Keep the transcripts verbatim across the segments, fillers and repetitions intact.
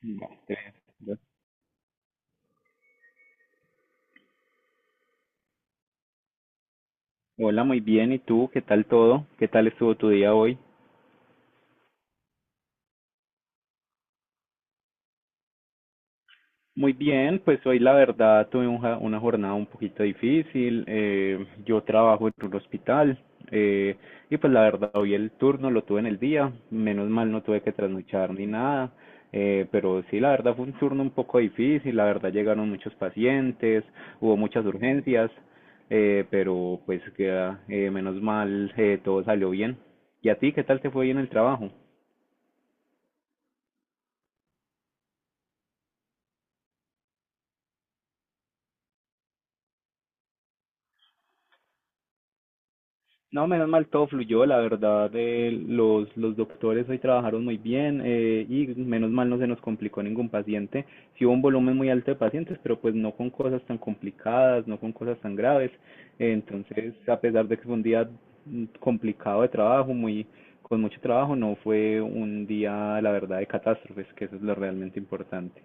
Vale. Te veo. Hola, muy bien. ¿Y tú? ¿Qué tal todo? ¿Qué tal estuvo tu día hoy? Muy bien, pues hoy la verdad tuve un ja- una jornada un poquito difícil. Eh, yo trabajo en un hospital, eh, y pues la verdad hoy el turno lo tuve en el día. Menos mal no tuve que trasnochar ni nada. Eh, pero sí, la verdad fue un turno un poco difícil. La verdad llegaron muchos pacientes, hubo muchas urgencias, eh, pero pues que, ah, eh, menos mal eh, todo salió bien. ¿Y a ti qué tal te fue hoy en el trabajo? No, menos mal todo fluyó, la verdad. eh, los, los doctores hoy trabajaron muy bien eh, y menos mal no se nos complicó ningún paciente. Sí hubo un volumen muy alto de pacientes, pero pues no con cosas tan complicadas, no con cosas tan graves. Eh, entonces, a pesar de que fue un día mm, complicado de trabajo, muy, con mucho trabajo, no fue un día, la verdad, de catástrofes, que eso es lo realmente importante.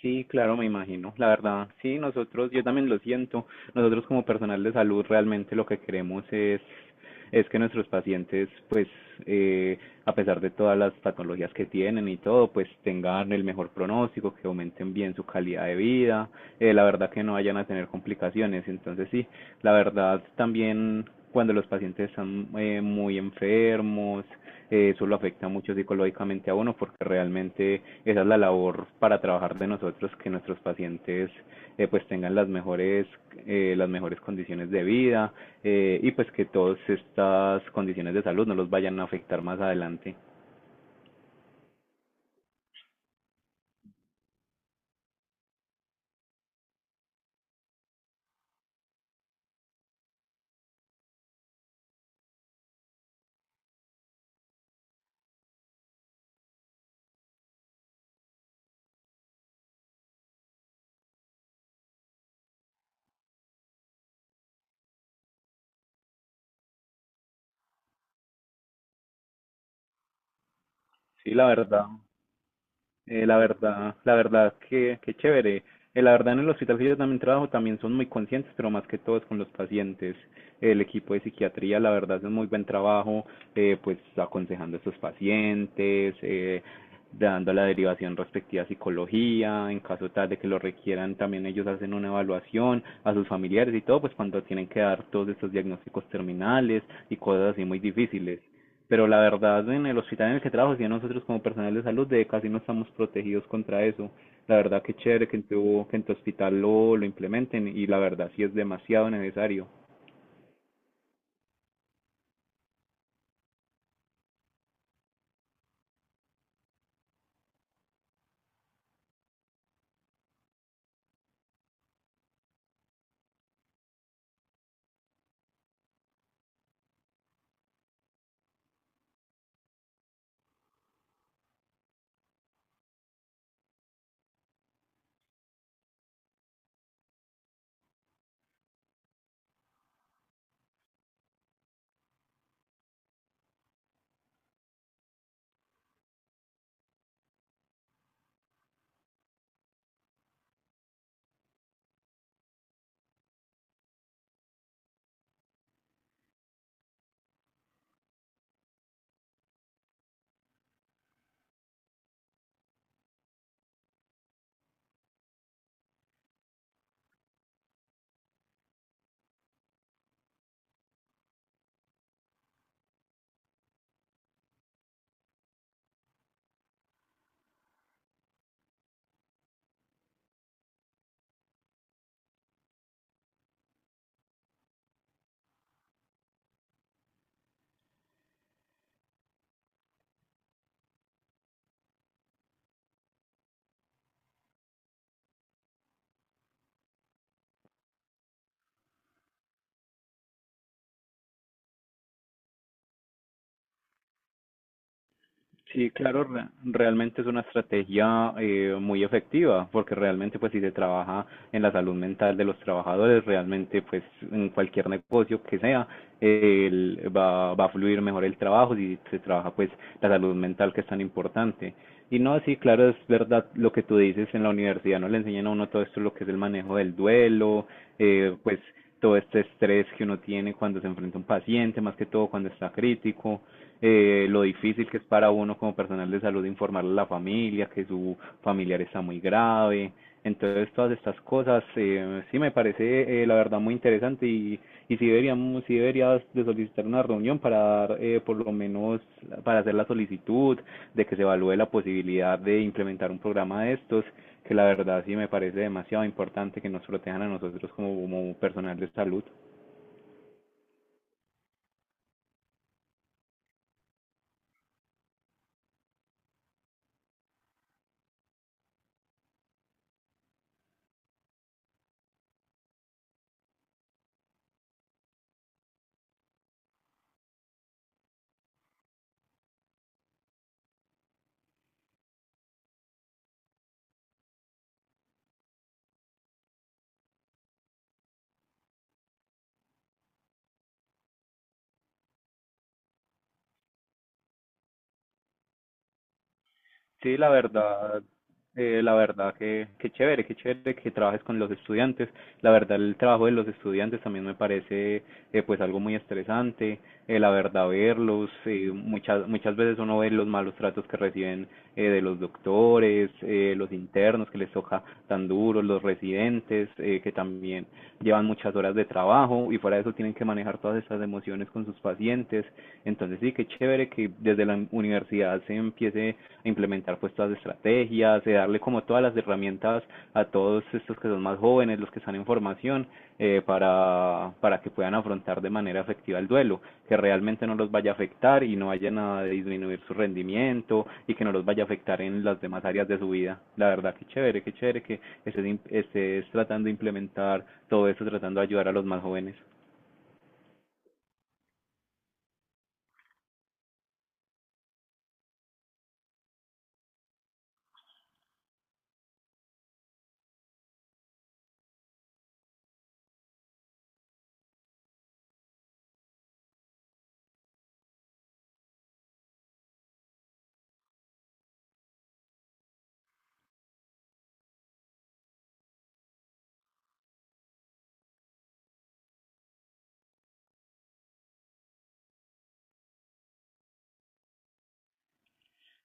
Sí, claro, me imagino. La verdad, sí, nosotros, yo también lo siento. Nosotros como personal de salud realmente lo que queremos es es que nuestros pacientes, pues, eh, a pesar de todas las patologías que tienen y todo, pues tengan el mejor pronóstico, que aumenten bien su calidad de vida, eh, la verdad que no vayan a tener complicaciones. Entonces, sí, la verdad también cuando los pacientes están eh, muy enfermos, eh, eso lo afecta mucho psicológicamente a uno porque realmente esa es la labor para trabajar de nosotros, que nuestros pacientes eh, pues tengan las mejores, eh, las mejores condiciones de vida eh, y pues que todas estas condiciones de salud no los vayan a afectar más adelante. Sí, la verdad. Eh, la verdad, la verdad que, que chévere. Eh, la verdad, en el hospital que yo también trabajo también son muy conscientes, pero más que todo es con los pacientes. El equipo de psiquiatría, la verdad, hace un muy buen trabajo, eh, pues aconsejando a estos pacientes, eh, dando la derivación respectiva a psicología, en caso tal de que lo requieran. También ellos hacen una evaluación a sus familiares y todo, pues cuando tienen que dar todos estos diagnósticos terminales y cosas así muy difíciles. Pero la verdad, en el hospital en el que trabajo, si nosotros como personal de salud de casi no estamos protegidos contra eso. La verdad, que chévere que en tu, que en tu hospital lo, lo implementen, y la verdad sí es demasiado necesario. Sí, claro, re- realmente es una estrategia eh, muy efectiva, porque realmente pues si se trabaja en la salud mental de los trabajadores, realmente pues en cualquier negocio que sea, eh, el- va, va a fluir mejor el trabajo si se trabaja pues la salud mental, que es tan importante. Y no, sí, claro, es verdad lo que tú dices, en la universidad no le enseñan a uno todo esto, lo que es el manejo del duelo, eh, pues todo este estrés que uno tiene cuando se enfrenta a un paciente, más que todo cuando está crítico, eh, lo difícil que es para uno como personal de salud informarle a la familia que su familiar está muy grave. Entonces, todas estas cosas eh, sí me parece, eh, la verdad, muy interesante. Y y sí, deberíamos, sí deberías de solicitar una reunión para dar, eh, por lo menos, para hacer la solicitud de que se evalúe la posibilidad de implementar un programa de estos, que la verdad sí me parece demasiado importante que nos protejan a nosotros como, como personal de salud. Sí, la verdad, eh, la verdad que, que chévere, que chévere que trabajes con los estudiantes. La verdad, el trabajo de los estudiantes también me parece eh, pues algo muy estresante. Eh, la verdad, verlos, eh, muchas, muchas veces uno ve los malos tratos que reciben eh, de los doctores, eh, los internos, que les toca tan duros, los residentes eh, que también llevan muchas horas de trabajo y fuera de eso tienen que manejar todas estas emociones con sus pacientes. Entonces sí, qué chévere que desde la universidad se empiece a implementar pues todas las estrategias, de darle como todas las herramientas a todos estos que son más jóvenes, los que están en formación, eh, para, para que puedan afrontar de manera efectiva el duelo, que realmente no los vaya a afectar y no vayan a disminuir su rendimiento, y que no los vaya a afectar en las demás áreas de su vida. La verdad, qué chévere, qué chévere que estés, im- estés tratando de implementar todo esto, tratando de ayudar a los más jóvenes.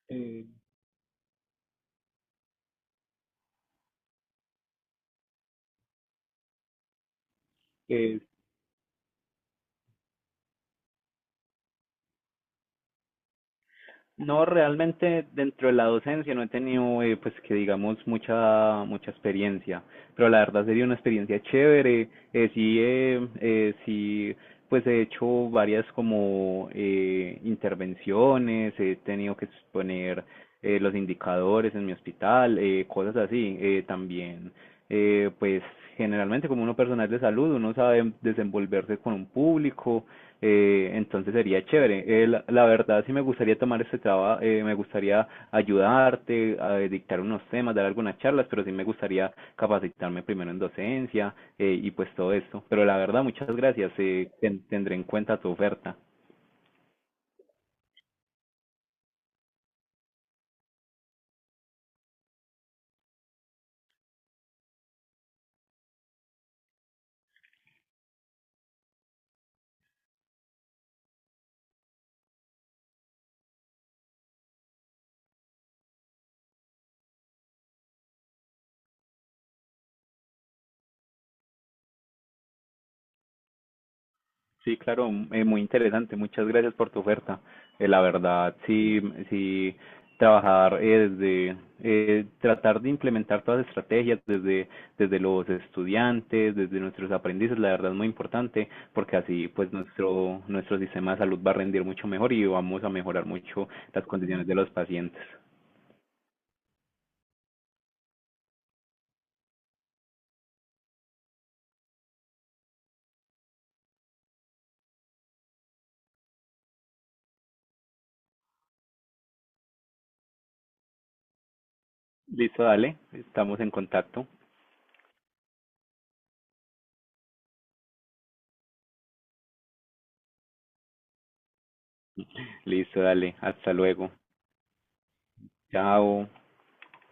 Eh, eh, No, realmente dentro de la docencia no he tenido, eh, pues que digamos, mucha, mucha experiencia, pero la verdad sería una experiencia chévere. Eh, sí, eh, eh, sí, pues he hecho varias como eh, intervenciones, he tenido que exponer eh, los indicadores en mi hospital, eh, cosas así. Eh, también, eh, pues generalmente como uno personal de salud, uno sabe desenvolverse con un público eh, entonces sería chévere. Eh, la, la verdad, sí me gustaría tomar este trabajo, me gustaría ayudarte, a dictar unos temas, dar algunas charlas, pero sí me gustaría capacitarme primero en docencia eh, y pues todo esto. Pero la verdad, muchas gracias, eh, ten- tendré en cuenta tu oferta. Sí, claro, m- eh, muy interesante. Muchas gracias por tu oferta. Eh, la verdad, sí, sí, trabajar eh, desde, eh, tratar de implementar todas las estrategias desde, desde los estudiantes, desde nuestros aprendices, la verdad es muy importante, porque así pues nuestro, nuestro sistema de salud va a rendir mucho mejor y vamos a mejorar mucho las condiciones de los pacientes. Listo, dale, estamos en contacto. Listo, dale, hasta luego. Chao.